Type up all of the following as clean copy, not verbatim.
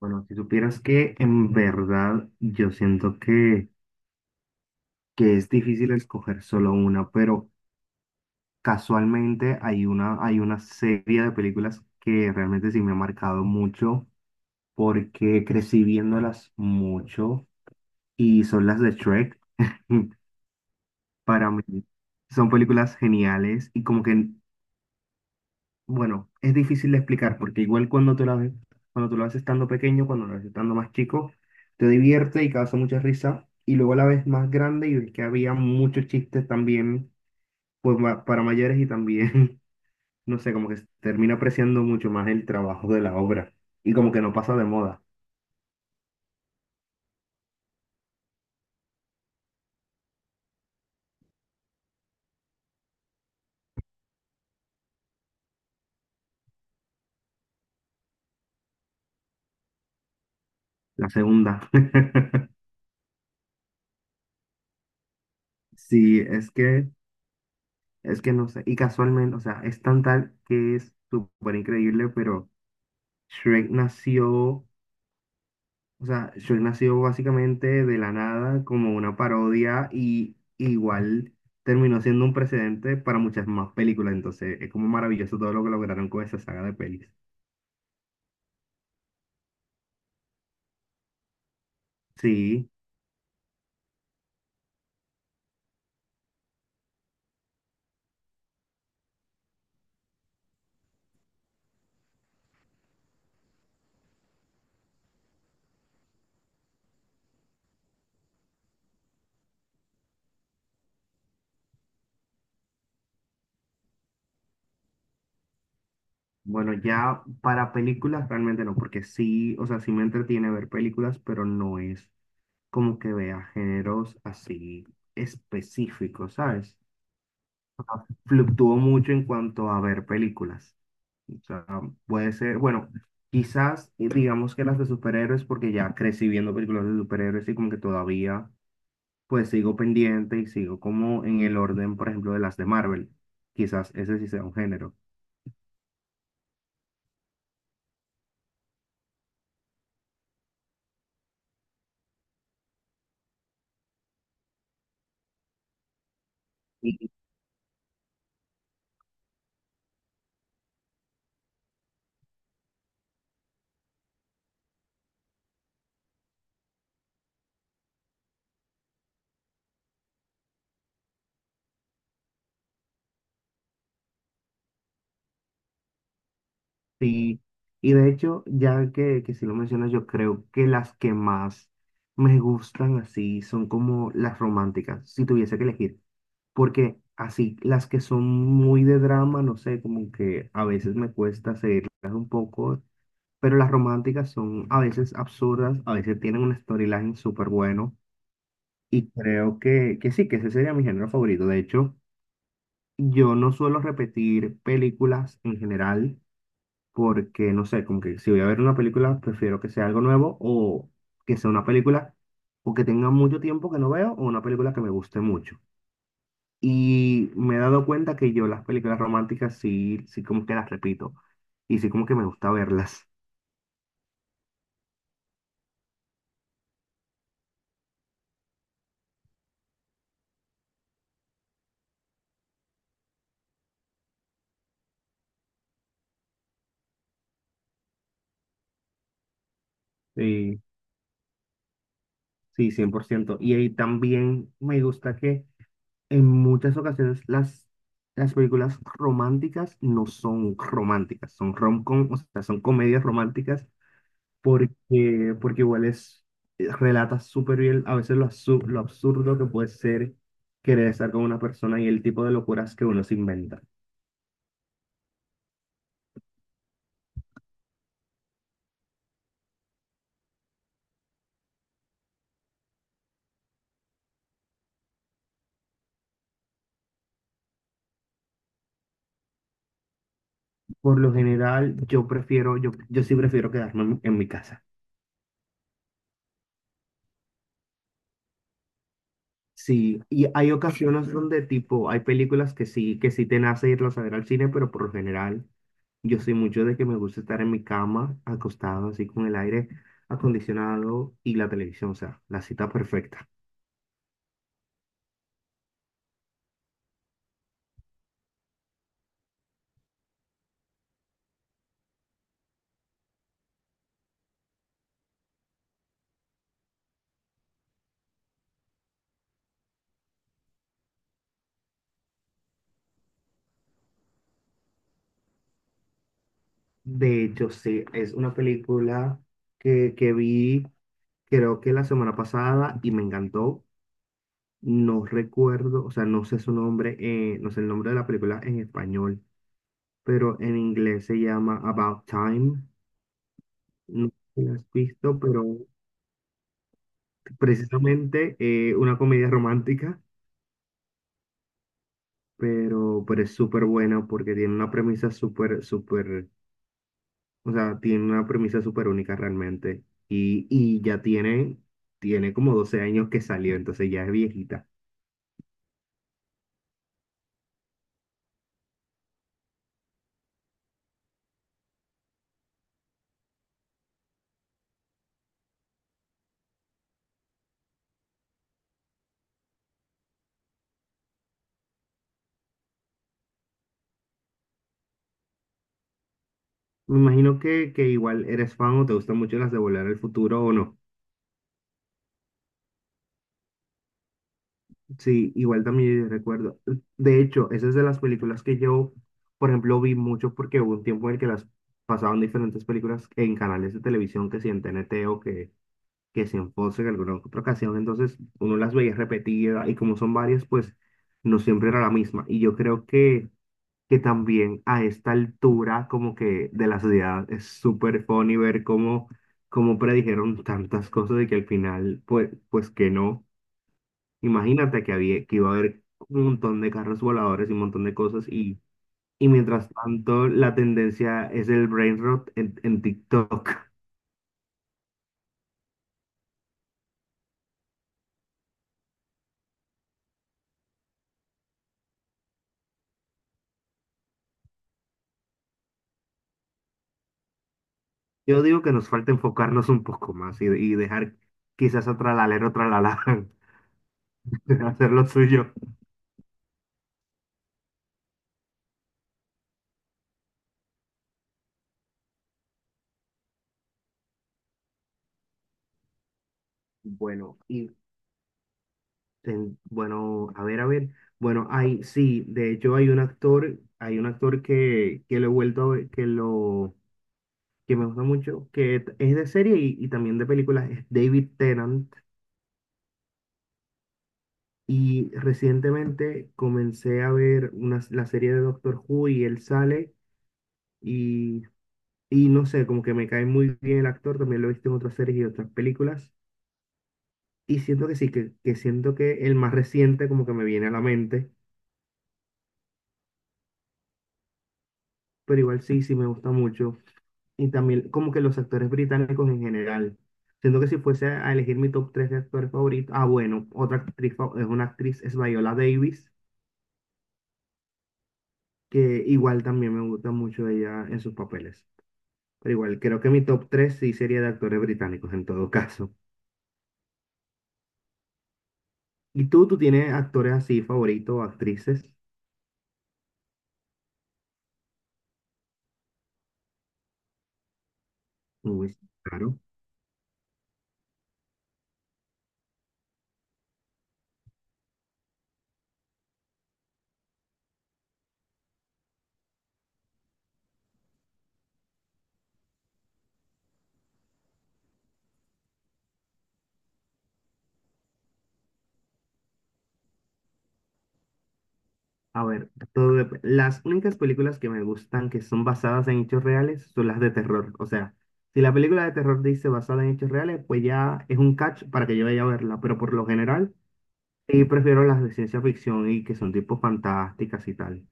Bueno, si supieras que en verdad yo siento que es difícil escoger solo una, pero casualmente hay una serie de películas que realmente sí me ha marcado mucho porque crecí viéndolas mucho y son las de Shrek. Para mí son películas geniales y como que bueno, es difícil de explicar porque igual cuando tú la ves estando pequeño, cuando la ves estando más chico, te divierte y causa mucha risa. Y luego la ves más grande y ves que había muchos chistes también pues, para mayores y también, no sé, como que se termina apreciando mucho más el trabajo de la obra. Y como que no pasa de moda. La segunda. Sí, es que no sé. Y casualmente, o sea, es tan tal que es súper increíble, pero Shrek nació. O sea, Shrek nació básicamente de la nada como una parodia y igual terminó siendo un precedente para muchas más películas. Entonces, es como maravilloso todo lo que lograron con esa saga de pelis. Sí, bueno, ya para películas realmente no, porque sí, o sea, sí me entretiene ver películas, pero no es como que vea géneros así específicos, ¿sabes? Fluctúo mucho en cuanto a ver películas. O sea, puede ser, bueno, quizás digamos que las de superhéroes, porque ya crecí viendo películas de superhéroes y como que todavía pues sigo pendiente y sigo como en el orden, por ejemplo, de las de Marvel. Quizás ese sí sea un género. Y, sí, y de hecho, que si lo mencionas, yo creo que las que más me gustan así son como las románticas, si tuviese que elegir. Porque así, las que son muy de drama, no sé, como que a veces me cuesta seguirlas un poco pero las románticas son a veces absurdas, a veces tienen un storyline súper bueno y creo que sí, que ese sería mi género favorito. De hecho, yo no suelo repetir películas en general porque, no sé, como que si voy a ver una película, prefiero que sea algo nuevo o que sea una película o que tenga mucho tiempo que no veo o una película que me guste mucho. Y me he dado cuenta que yo las películas románticas sí, sí como que las repito y sí como que me gusta verlas. Sí. Sí, 100%. Y ahí también me gusta que en muchas las películas románticas no son románticas, son rom-com, o sea, son comedias románticas porque igual es, relata súper bien a veces lo, lo absurdo que puede ser querer estar con una persona y el tipo de locuras que uno se inventa. Por lo general, yo sí prefiero quedarme en mi casa. Sí, y hay ocasiones donde tipo, hay películas que sí te nace irlas a ver al cine, pero por lo general yo soy mucho de que me gusta estar en mi cama, acostado así con el aire acondicionado y la televisión, o sea, la cita perfecta. De hecho, sí, es una película que vi creo que la semana pasada y me encantó. No recuerdo, o sea, no sé su nombre, no sé el nombre de la película en español, pero en inglés se llama About Time. No sé si la has visto, pero precisamente una comedia romántica, pero es súper buena porque tiene una premisa súper, o sea, tiene una premisa súper única realmente. Y ya tiene, tiene como 12 años que salió, entonces ya es viejita. Me imagino que igual eres fan o te gustan mucho las de Volver al Futuro o no. Sí, igual también recuerdo. De hecho, esa es de las películas que yo, por ejemplo, vi mucho porque hubo un tiempo en el que las pasaban diferentes películas en canales de televisión, que si en TNT que si en Fox en alguna otra ocasión. Entonces, uno las veía repetidas y como son varias, pues no siempre era la misma. Y yo creo que también a esta altura, como que de la sociedad, es súper funny ver cómo, cómo predijeron tantas cosas y que al final, pues, pues que no. Imagínate que iba a haber un montón de carros voladores y un montón de cosas y mientras tanto la tendencia es el brain rot en TikTok. Yo digo que nos falta enfocarnos un poco más y dejar quizás a Tralalero Tralala hacer lo suyo. Bueno, y a ver, a ver. Bueno, hay, sí, de hecho hay un actor que lo he vuelto a ver, que lo, que me gusta mucho, es de serie y también de películas, es David Tennant. Y recientemente comencé a ver una, la serie de Doctor Who y él sale y, y no sé, como que me cae muy bien el actor, también lo he visto en otras series y otras películas. Y siento que sí, que siento que el más reciente como que me viene a la mente, pero igual sí, sí me gusta mucho. Y también como que los actores británicos en general. Siento que si fuese a elegir mi top 3 de actores favoritos, ah bueno, es una actriz, es Viola Davis, que igual también me gusta mucho ella en sus papeles. Pero igual, creo que mi top 3 sí sería de actores británicos en todo caso. ¿Y tú tienes actores así favoritos, o actrices? Uy, sí, claro. A ver, las únicas películas que me gustan que son basadas en hechos reales son las de terror. O sea, si la película de terror dice basada en hechos reales, pues ya es un catch para que yo vaya a verla. Pero por lo general, sí prefiero las de ciencia ficción y que son tipo fantásticas y tal.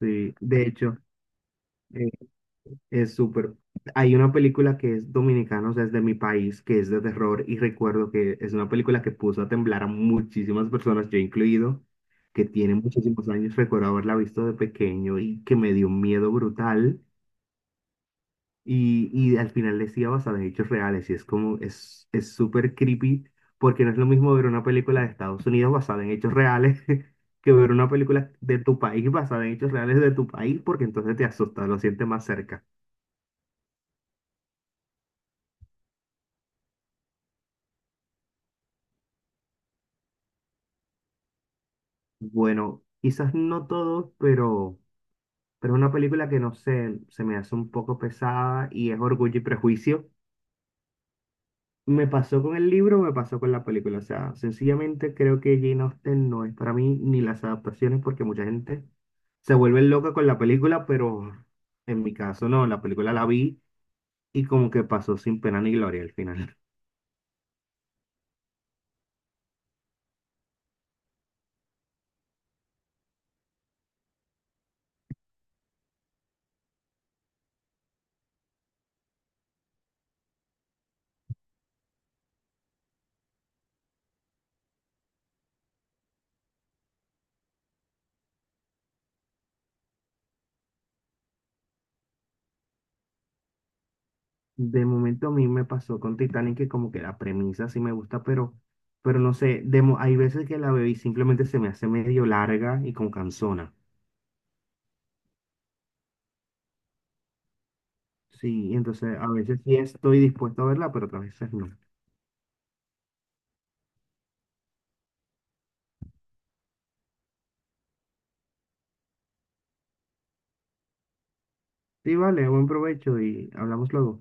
Sí, de hecho. eh, Es súper. Hay una película que es dominicana, o sea, es de mi país, que es de terror y recuerdo que es una película que puso a temblar a muchísimas personas, yo incluido, que tiene muchísimos años. Recuerdo haberla visto de pequeño y que me dio un miedo brutal y al final decía basada en hechos reales y es como, es súper creepy porque no es lo mismo ver una película de Estados Unidos basada en hechos reales que ver una película de tu país basada en hechos reales de tu país porque entonces te asusta, lo sientes más cerca. Bueno, quizás no todos, pero es una película que no sé, se me hace un poco pesada y es Orgullo y Prejuicio. Me pasó con el libro, me pasó con la película. O sea, sencillamente creo que Jane Austen no es para mí ni las adaptaciones porque mucha gente se vuelve loca con la película, pero en mi caso no, la película la vi y como que pasó sin pena ni gloria al final. De momento a mí me pasó con Titanic que como que la premisa sí me gusta, pero no sé, hay veces que la veo y simplemente se me hace medio larga y con cansona. Sí, entonces a veces sí estoy dispuesto a verla, pero otras veces no. Sí, vale, buen provecho y hablamos luego.